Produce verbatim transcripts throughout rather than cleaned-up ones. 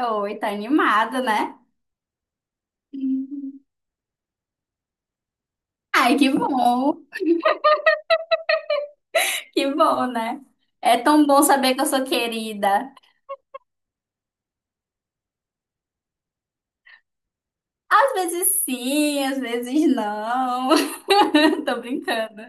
Oi, tá animada, né? Uhum. Ai, que bom, que bom, né? É tão bom saber que eu sou querida. Às vezes sim, às vezes não. Tô brincando.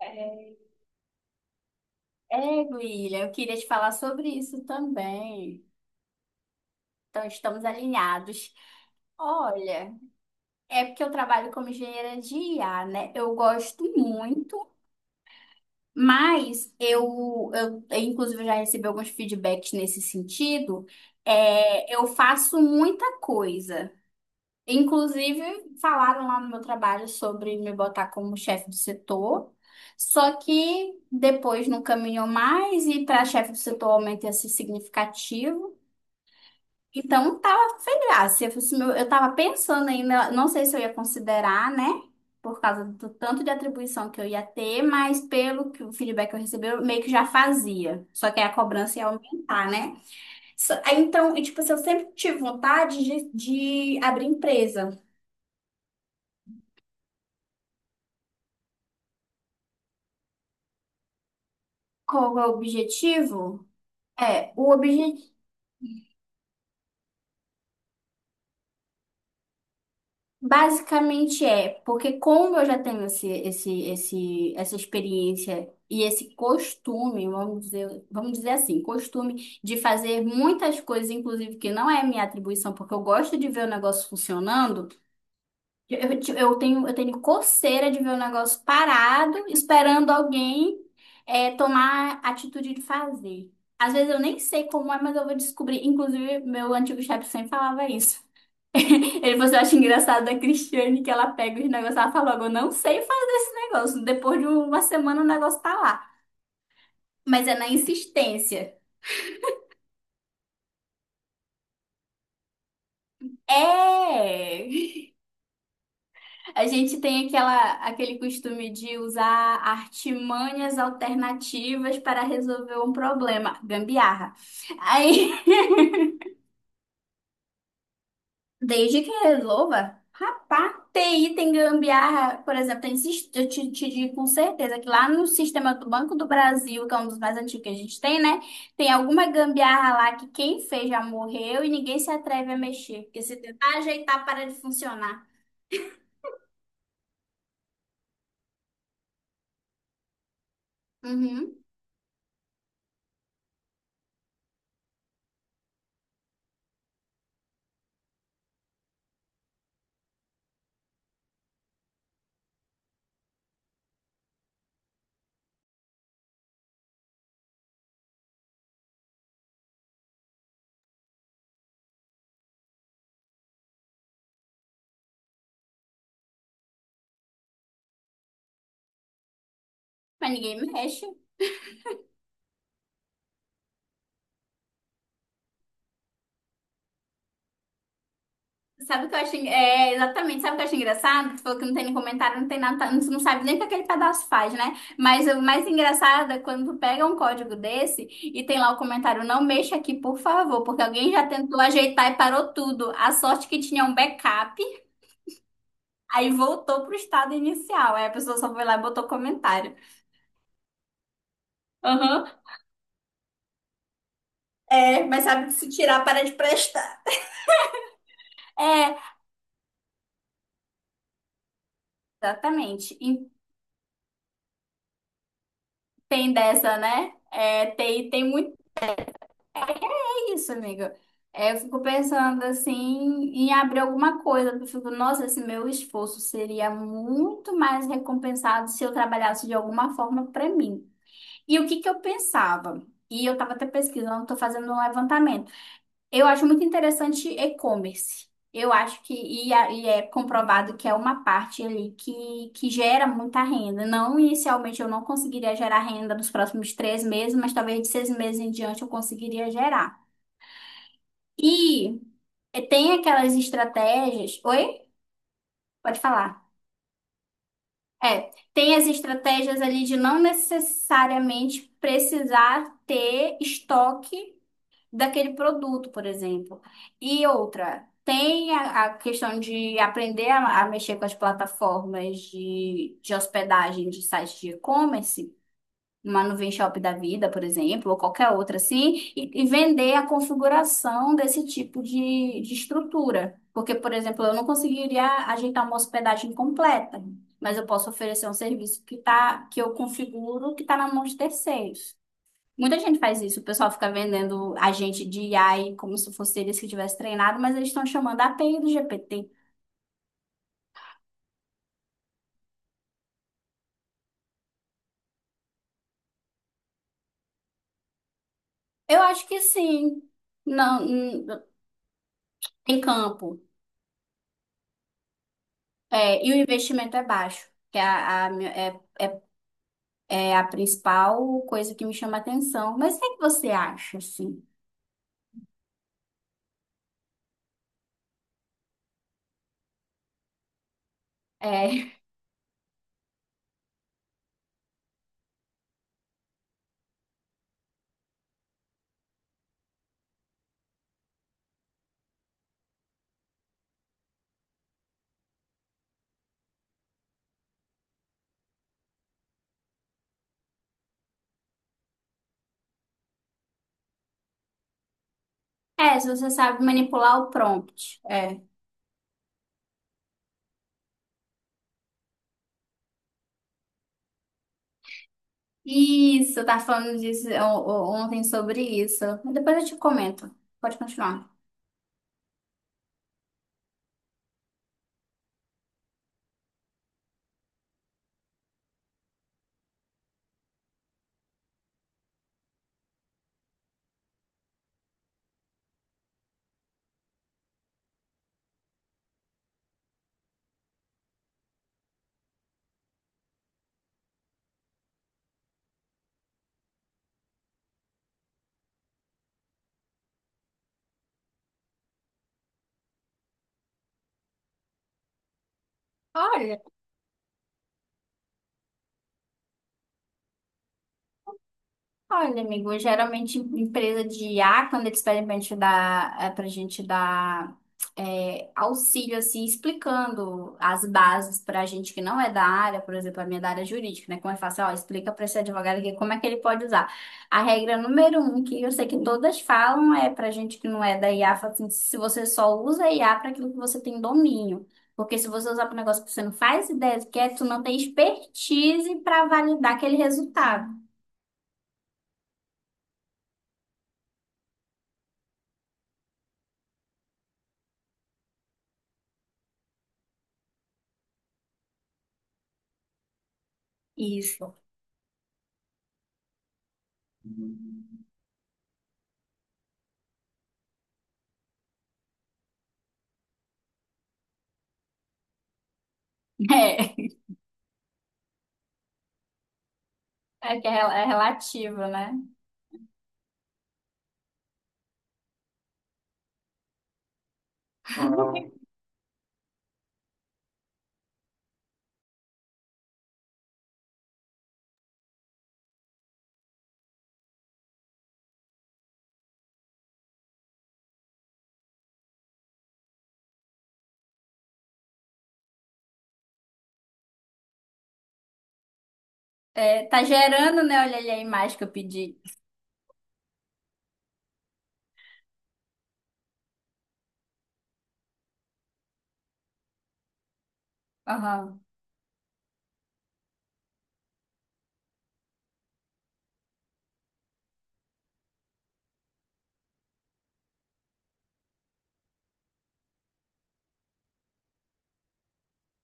É, é, Guilherme, eu queria te falar sobre isso também. Então, estamos alinhados. Olha, é porque eu trabalho como engenheira de I A, né? Eu gosto muito. Mas eu, eu, eu, inclusive, eu já recebi alguns feedbacks nesse sentido. É, eu faço muita coisa. Inclusive, falaram lá no meu trabalho sobre me botar como chefe do setor. Só que depois não caminhou mais e para chefe do setor o aumento ia ser significativo. Então, tava sem graça. Eu, fosse meu- eu tava pensando ainda, não sei se eu ia considerar, né? Por causa do tanto de atribuição que eu ia ter, mas pelo que o feedback que eu recebi, eu meio que já fazia. Só que aí a cobrança ia aumentar, né? So- aí, então, e, tipo assim, eu sempre tive vontade de, de abrir empresa. Qual é o objetivo? É, o objetivo. Basicamente é, porque como eu já tenho esse, esse, esse, essa experiência e esse costume, vamos dizer, vamos dizer assim, costume de fazer muitas coisas, inclusive que não é minha atribuição, porque eu gosto de ver o negócio funcionando, eu, eu ti- eu tenho, eu tenho coceira de ver o negócio parado, esperando alguém é, tomar a atitude de fazer. Às vezes eu nem sei como é, mas eu vou descobrir. Inclusive, meu antigo chefe sempre falava isso. Ele falou assim, eu acho engraçado da Cristiane que ela pega os negócios, ela fala logo, eu não sei fazer esse negócio. Depois de uma semana o negócio tá lá. Mas é na insistência. É! A gente tem aquela, aquele costume de usar artimanhas alternativas para resolver um problema. Gambiarra. Aí, desde que resolva. Rapaz, T I tem gambiarra, por exemplo, tem, sis- eu te, te digo com certeza que lá no sistema do Banco do Brasil, que é um dos mais antigos que a gente tem, né? Tem alguma gambiarra lá que quem fez já morreu e ninguém se atreve a mexer. Porque se tentar ajeitar, para de funcionar. Uhum. Mas ninguém mexe. Sabe o que eu acho? en- É, exatamente. Sabe o que eu acho engraçado? Que tu falou que não tem nem comentário, não tem nada, tu não sabe nem o que aquele pedaço faz, né? Mas o mais engraçado é quando tu pega um código desse e tem lá o comentário: não mexa aqui, por favor, porque alguém já tentou ajeitar e parou tudo. A sorte que tinha um backup, aí voltou pro estado inicial. Aí a pessoa só foi lá e botou comentário. Aham. É, mas sabe que se tirar, para de prestar. É, exatamente. E tem dessa, né? É, tem, tem muito. é, Isso, amiga. É, eu fico pensando assim em abrir alguma coisa. Eu fico, nossa, esse meu esforço seria muito mais recompensado se eu trabalhasse de alguma forma para mim. E o que que eu pensava? E eu estava até pesquisando, estou fazendo um levantamento. Eu acho muito interessante e-commerce. Eu acho que e, a- e é comprovado que é uma parte ali que, que gera muita renda. Não inicialmente eu não conseguiria gerar renda nos próximos três meses, mas talvez de seis meses em diante eu conseguiria gerar. E e tem aquelas estratégias. Oi? Pode falar. É, tem as estratégias ali de não necessariamente precisar ter estoque daquele produto, por exemplo. E outra, tem a, a questão de aprender a, a mexer com as plataformas de, de hospedagem de sites de e-commerce. Uma nuvem shop da vida, por exemplo, ou qualquer outra assim, e, e vender a configuração desse tipo de, de estrutura. Porque, por exemplo, eu não conseguiria ajeitar uma hospedagem completa, mas eu posso oferecer um serviço que tá, que eu configuro, que está na mão de terceiros. Muita gente faz isso, o pessoal fica vendendo agente de A I como se fosse eles que tivessem treinado, mas eles estão chamando a API do G P T. Eu acho que sim. Não, hum, tem campo. É, e o investimento é baixo, que é a, a minha- é, é, é a principal coisa que me chama a atenção. Mas o que é que você acha, assim? É, é, se você sabe manipular o prompt. É. Isso, eu tava falando disso o- o- ontem sobre isso. Depois eu te comento. Pode continuar. Olha. Olha, amigo, geralmente em- empresa de I A, quando eles pedem pra gente dar, é, pra gente dar é, auxílio, assim, explicando as bases pra gente que não é da área, por exemplo, a minha é da área jurídica, né? Como é fácil, ó, explica pra esse advogado aqui como é que ele pode usar. A regra número um, que eu sei que todas falam, é pra gente que não é da I A, fala assim, se você só usa I a I A para aquilo que você tem domínio. Porque se você usar para um negócio que você não faz ideia do que é, tu não tem expertise para validar aquele resultado. Isso. É, é que é rel- é relativo, né? É, tá gerando, né? Olha ali a imagem que eu pedi. Aham,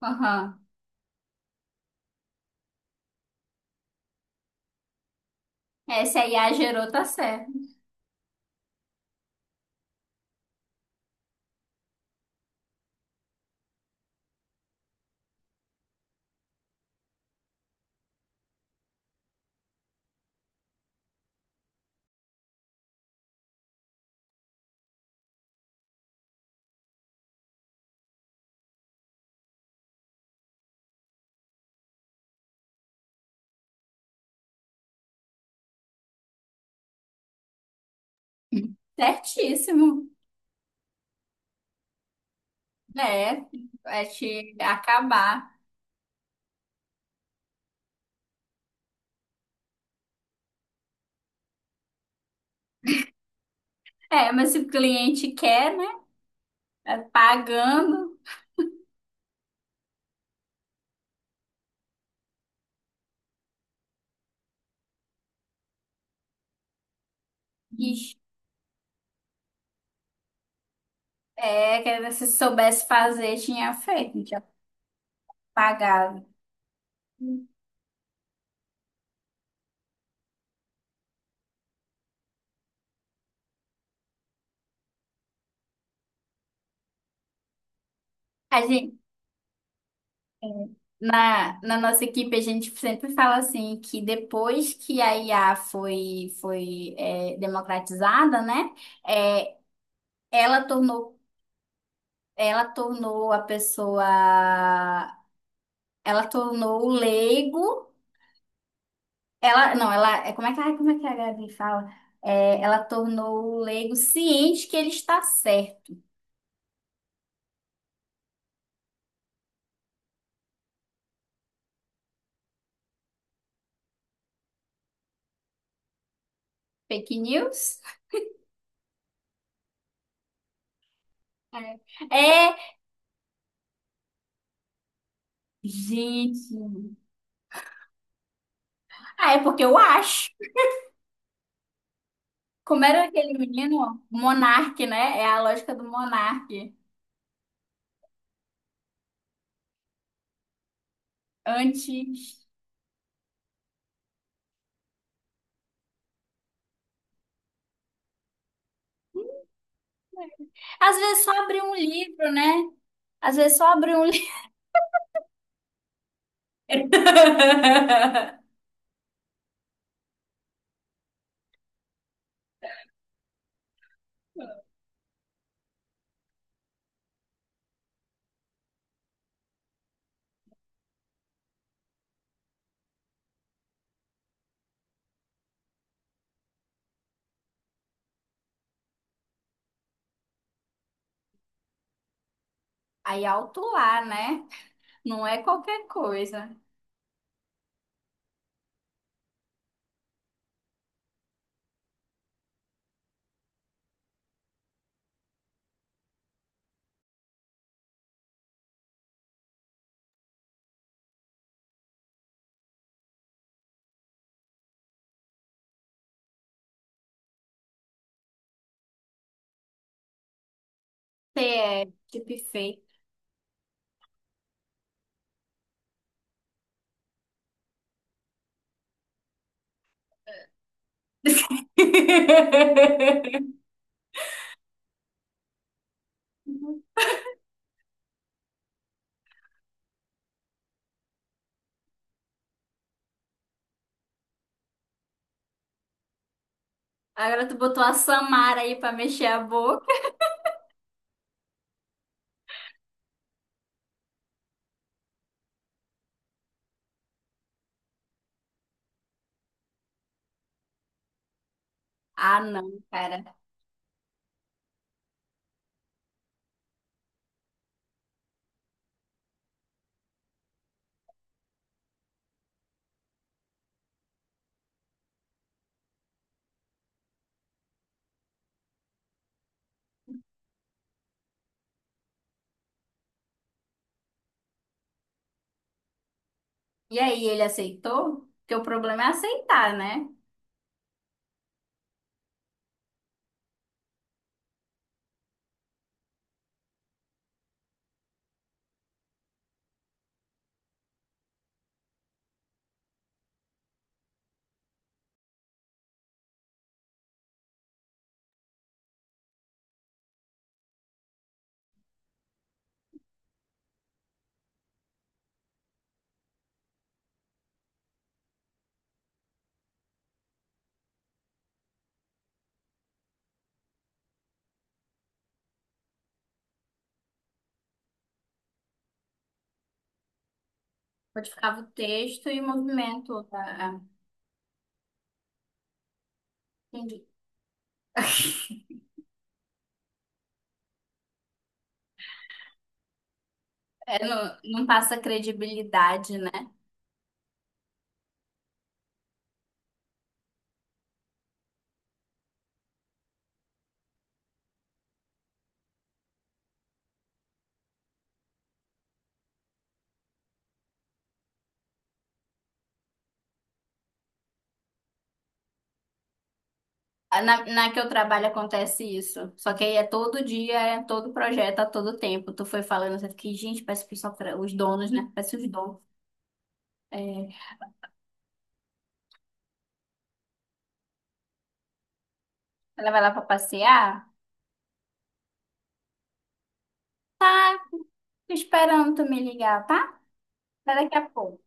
aham. É, se a I A gerou, tá certo. Certíssimo. É, vai te acabar. É, mas se o cliente quer, né? é Pagando. Ixi, é, que se soubesse fazer, tinha feito, tinha pagado. Na, na nossa equipe, a gente sempre fala assim que depois que a I A foi, foi é, democratizada, né? É, ela tornou, ela tornou a pessoa, ela tornou o leigo, ela, não, ela, é, como é que, ai, como é que a Gabi fala? É, ela tornou o leigo ciente que ele está certo. Fake news? É, É, gente. Ah, é porque eu acho. Como era aquele menino? Monarque, né? É a lógica do monarque. Antes. Às vezes só abrir um livro, né? Às vezes só abrir um livro. Aí alto lá, né? Não é qualquer coisa. Você é tipo feio. Agora tu botou a Samara aí pra mexer a boca. Ah, não, cara. E aí, ele aceitou? Porque o problema é aceitar, né? Modificava o texto e o movimento. Tá? Ah, entendi. É, não, não passa credibilidade, né? Ah, Na, na que eu trabalho acontece isso. Só que aí é todo dia, é todo projeto, a todo tempo. Tu foi falando, eu fiquei, gente, parece que só pra- os donos, né? Parece os donos. É, ela vai lá pra passear? Tô esperando tu me ligar, tá? Até daqui a pouco.